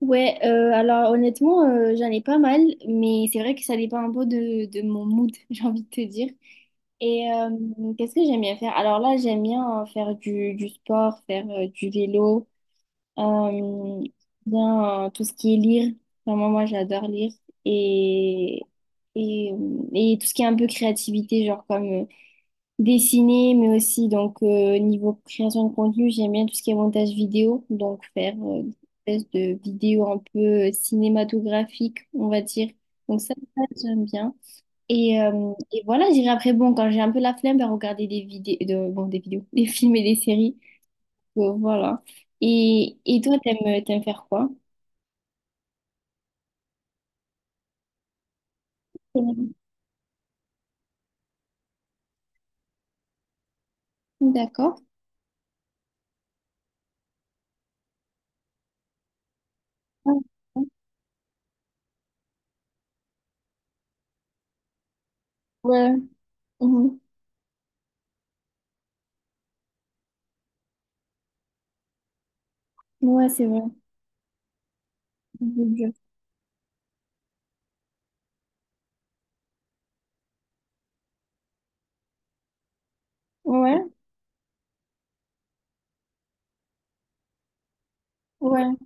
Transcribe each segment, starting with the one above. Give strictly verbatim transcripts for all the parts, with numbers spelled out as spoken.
Ouais, euh, alors honnêtement, euh, j'en ai pas mal, mais c'est vrai que ça dépend un peu de, de mon mood, j'ai envie de te dire. Et euh, qu'est-ce que j'aime bien faire? Alors là, j'aime bien euh, faire du, du sport, faire euh, du vélo, euh, bien euh, tout ce qui est lire. Vraiment, moi, j'adore lire. Et, et, euh, et tout ce qui est un peu créativité, genre comme euh, dessiner, mais aussi donc euh, niveau création de contenu, j'aime bien tout ce qui est montage vidéo, donc faire euh, des espèces de vidéos un peu euh, cinématographiques, on va dire. Donc ça, ça, j'aime bien. Et, euh, et voilà, j'irai après, bon, quand j'ai un peu la flemme, ben, regarder des vidéos, de, bon, des vidéos, des films et des séries. Donc, voilà. Et, et toi, t'aimes, t'aimes faire quoi? Mhm. D'accord. Ouais. Mhm. Ouais, c'est vrai. Ouais, ouais,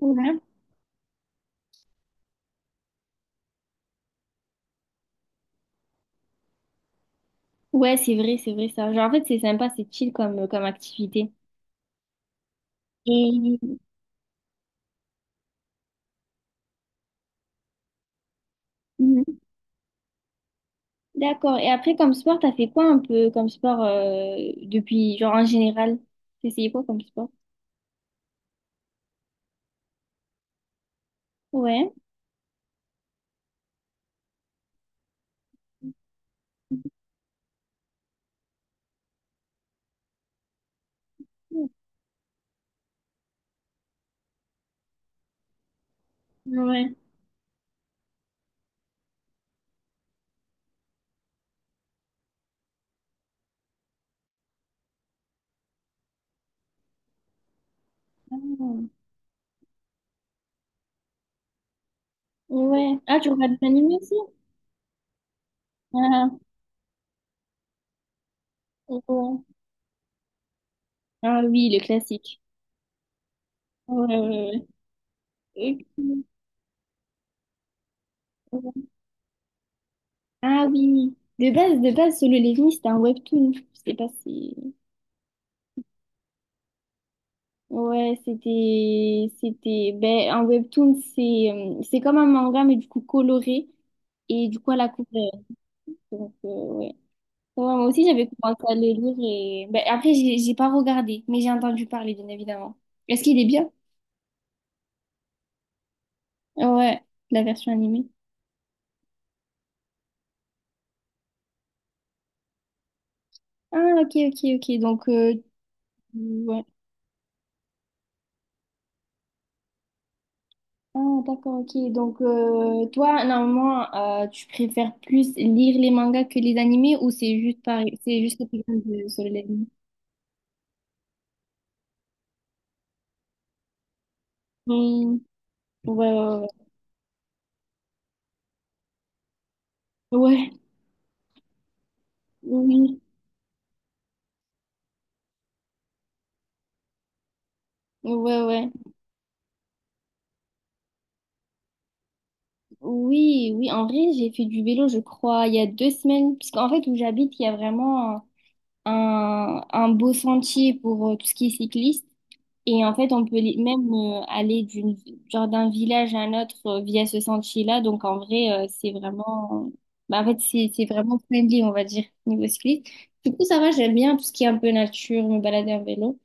ouais. Ouais, c'est vrai, c'est vrai ça. Genre, en fait, c'est sympa, c'est chill comme, comme activité. Et Mhm. D'accord. Et après, comme sport, t'as fait quoi un peu comme sport euh, depuis, genre en général? T'as essayé quoi comme sport? Ouais. Ouais. Ah. Ouais. Ah, tu regardes des animés aussi? Ah, ouais. Ah oui, le classique. Ouais, ouais, ouais. Ok. Ah oui. De base, de base, Solo Leveling, c'était un webtoon. Je sais pas si. Ouais, c'était, c'était, ben, un webtoon, c'est, euh, c'est comme un manga, mais du coup coloré, et du coup à la couleur. Donc, euh, ouais. Ouais, moi aussi, j'avais commencé à le lire, et ben, après, j'ai, j'ai pas regardé, mais j'ai entendu parler, bien évidemment. Est-ce qu'il est bien? Ouais, la version animée. Ah, ok, ok, ok. Donc, euh, ouais. Ah, d'accord, ok. Donc, euh, toi, normalement, euh, tu préfères plus lire les mangas que les animés, ou c'est juste pareil, c'est juste que tu viens de sur les animés? Ouais, ouais, ouais, Ouais, oui, ouais, ouais, oui, oui, en vrai, j'ai fait du vélo, je crois, il y a deux semaines, parce qu'en fait, où j'habite, il y a vraiment un, un beau sentier pour euh, tout ce qui est cycliste, et en fait, on peut les- même euh, aller d'une, genre d'un village à un autre euh, via ce sentier-là, donc en vrai, euh, c'est vraiment, bah, en fait, c'est, c'est vraiment friendly, on va dire, niveau cycliste. Du coup, ça va, j'aime bien tout ce qui est un peu nature, me balader en vélo.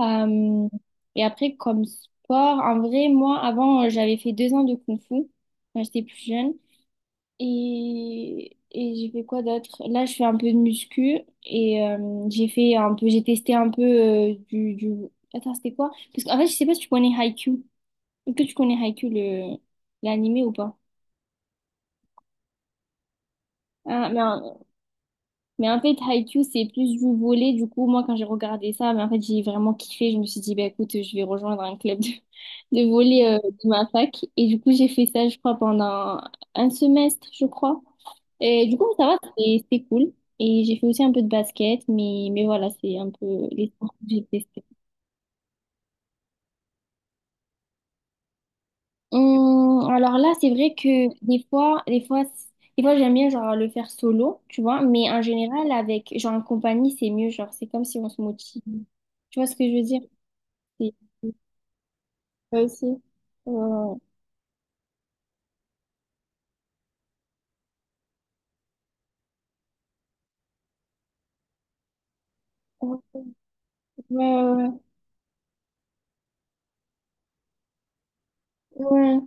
Euh, et après, comme sport, en vrai, moi, avant, euh, j'avais fait deux ans de kung-fu quand j'étais plus jeune. Et, et j'ai fait quoi d'autre? Là, je fais un peu de muscu et euh, j'ai fait un peu, j'ai testé un peu euh, du, du... Attends, c'était quoi? Parce qu'en fait, je sais pas si tu connais Haikyuu. Est-ce que tu connais Haikyuu, le l'animé ou pas? Ah, mais Mais en fait, Haikyuu, c'est plus du volet. Du coup, moi, quand j'ai regardé ça, mais en fait, j'ai vraiment kiffé. Je me suis dit, bah, écoute, je vais rejoindre un club de, de volley euh, de ma fac. Et du coup, j'ai fait ça, je crois, pendant un semestre, je crois. Et du coup, ça va, c'était c'était cool. Et j'ai fait aussi un peu de basket, mais, mais voilà, c'est un peu les sports que j'ai testés. Hum, alors là, c'est vrai que des fois, des fois, c- des fois j'aime bien genre le faire solo, tu vois, mais en général avec genre en compagnie, c'est mieux, genre c'est comme si on se motive. Tu vois ce que je veux dire? C'est toi aussi. Euh, ouais, ouais, ouais. Ouais.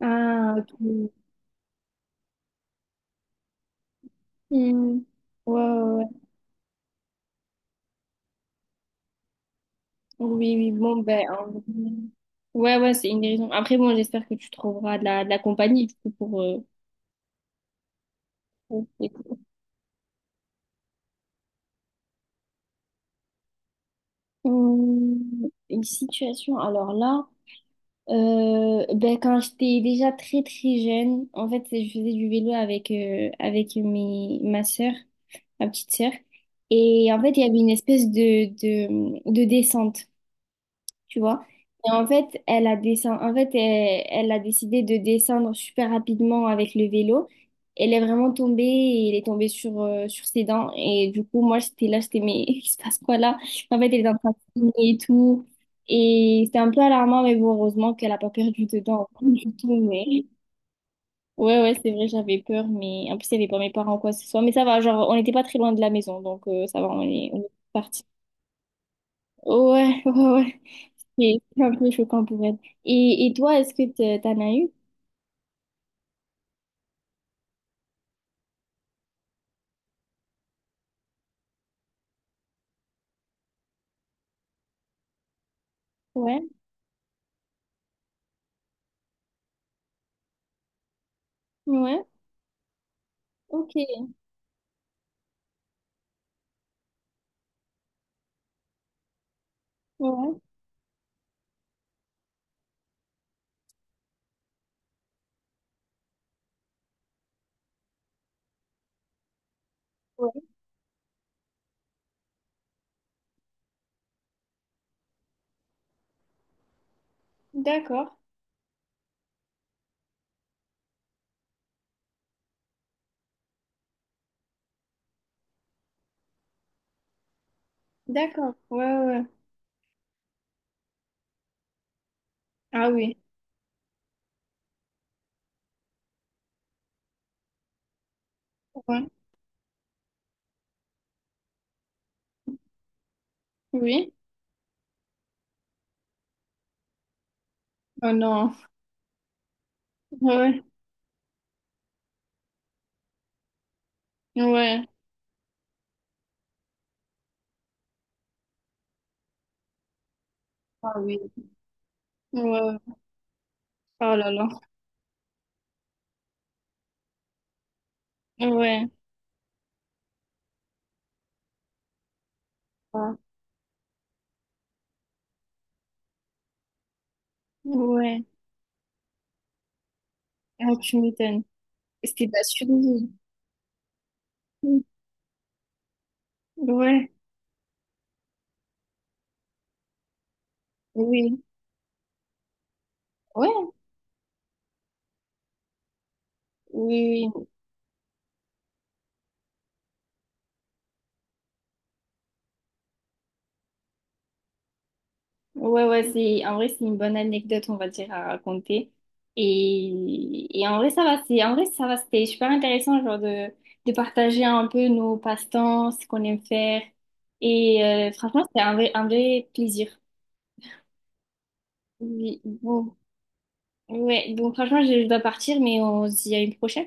Ah, ok. Hmm. Ouais, ouais, ouais. Oui, oui, bon, ben. En- Ouais, ouais, c'est une des raisons. Après, bon, j'espère que tu trouveras de la, de la compagnie, du coup, pour. Euh, pour- Hum, une situation, alors là. Euh, ben, quand j'étais déjà très très jeune, en fait, je faisais du vélo avec, euh, avec mes, ma sœur, ma petite sœur. Et en fait, il y avait une espèce de, de, de descente tu vois. Et en fait, elle a descend... en fait, elle, elle a décidé de descendre super rapidement avec le vélo. Elle est vraiment tombée et elle est tombée sur, euh, sur ses dents. Et du coup, moi, j'étais là, j'étais, mais il se passe quoi là? En fait, elle est en train de saigner et tout. Et c'était un peu alarmant, mais bon, heureusement qu'elle a pas perdu de dents du tout. Mais ouais, ouais, c'est vrai, j'avais peur. Mais en plus, il n'y avait pas mes parents, quoi que ce soit. Mais ça va, genre, on n'était pas très loin de la maison. Donc, euh, ça va, on est, on est parti. Ouais, ouais, ouais. C'est c'est un peu choquant pour elle. Et, et toi, est-ce que t'e- t'en as eu? Ouais, ouais, ok, ouais, ouais, d'accord, d'accord, ouais, ouais. Ouais. Ah oui, ouais, oui, oh non, ouais, ouais, ah oui, ouais, ouais. Oh là là, ouais, ah, ouais, ah, tu m'étonnes. C'était de la survie. Ouais, oui, ouais, oui, oui. Ouais, ouais, c'est, en vrai, c'est une bonne anecdote, on va dire, à raconter. Et, et en vrai, ça va, c'est, en vrai, ça va, c'était super intéressant, genre, de, de partager un peu nos passe-temps, ce qu'on aime faire. Et euh, franchement, c'était un vrai, un vrai plaisir. Oui, bon, ouais, donc franchement, je, je dois partir, mais on se dit à une prochaine.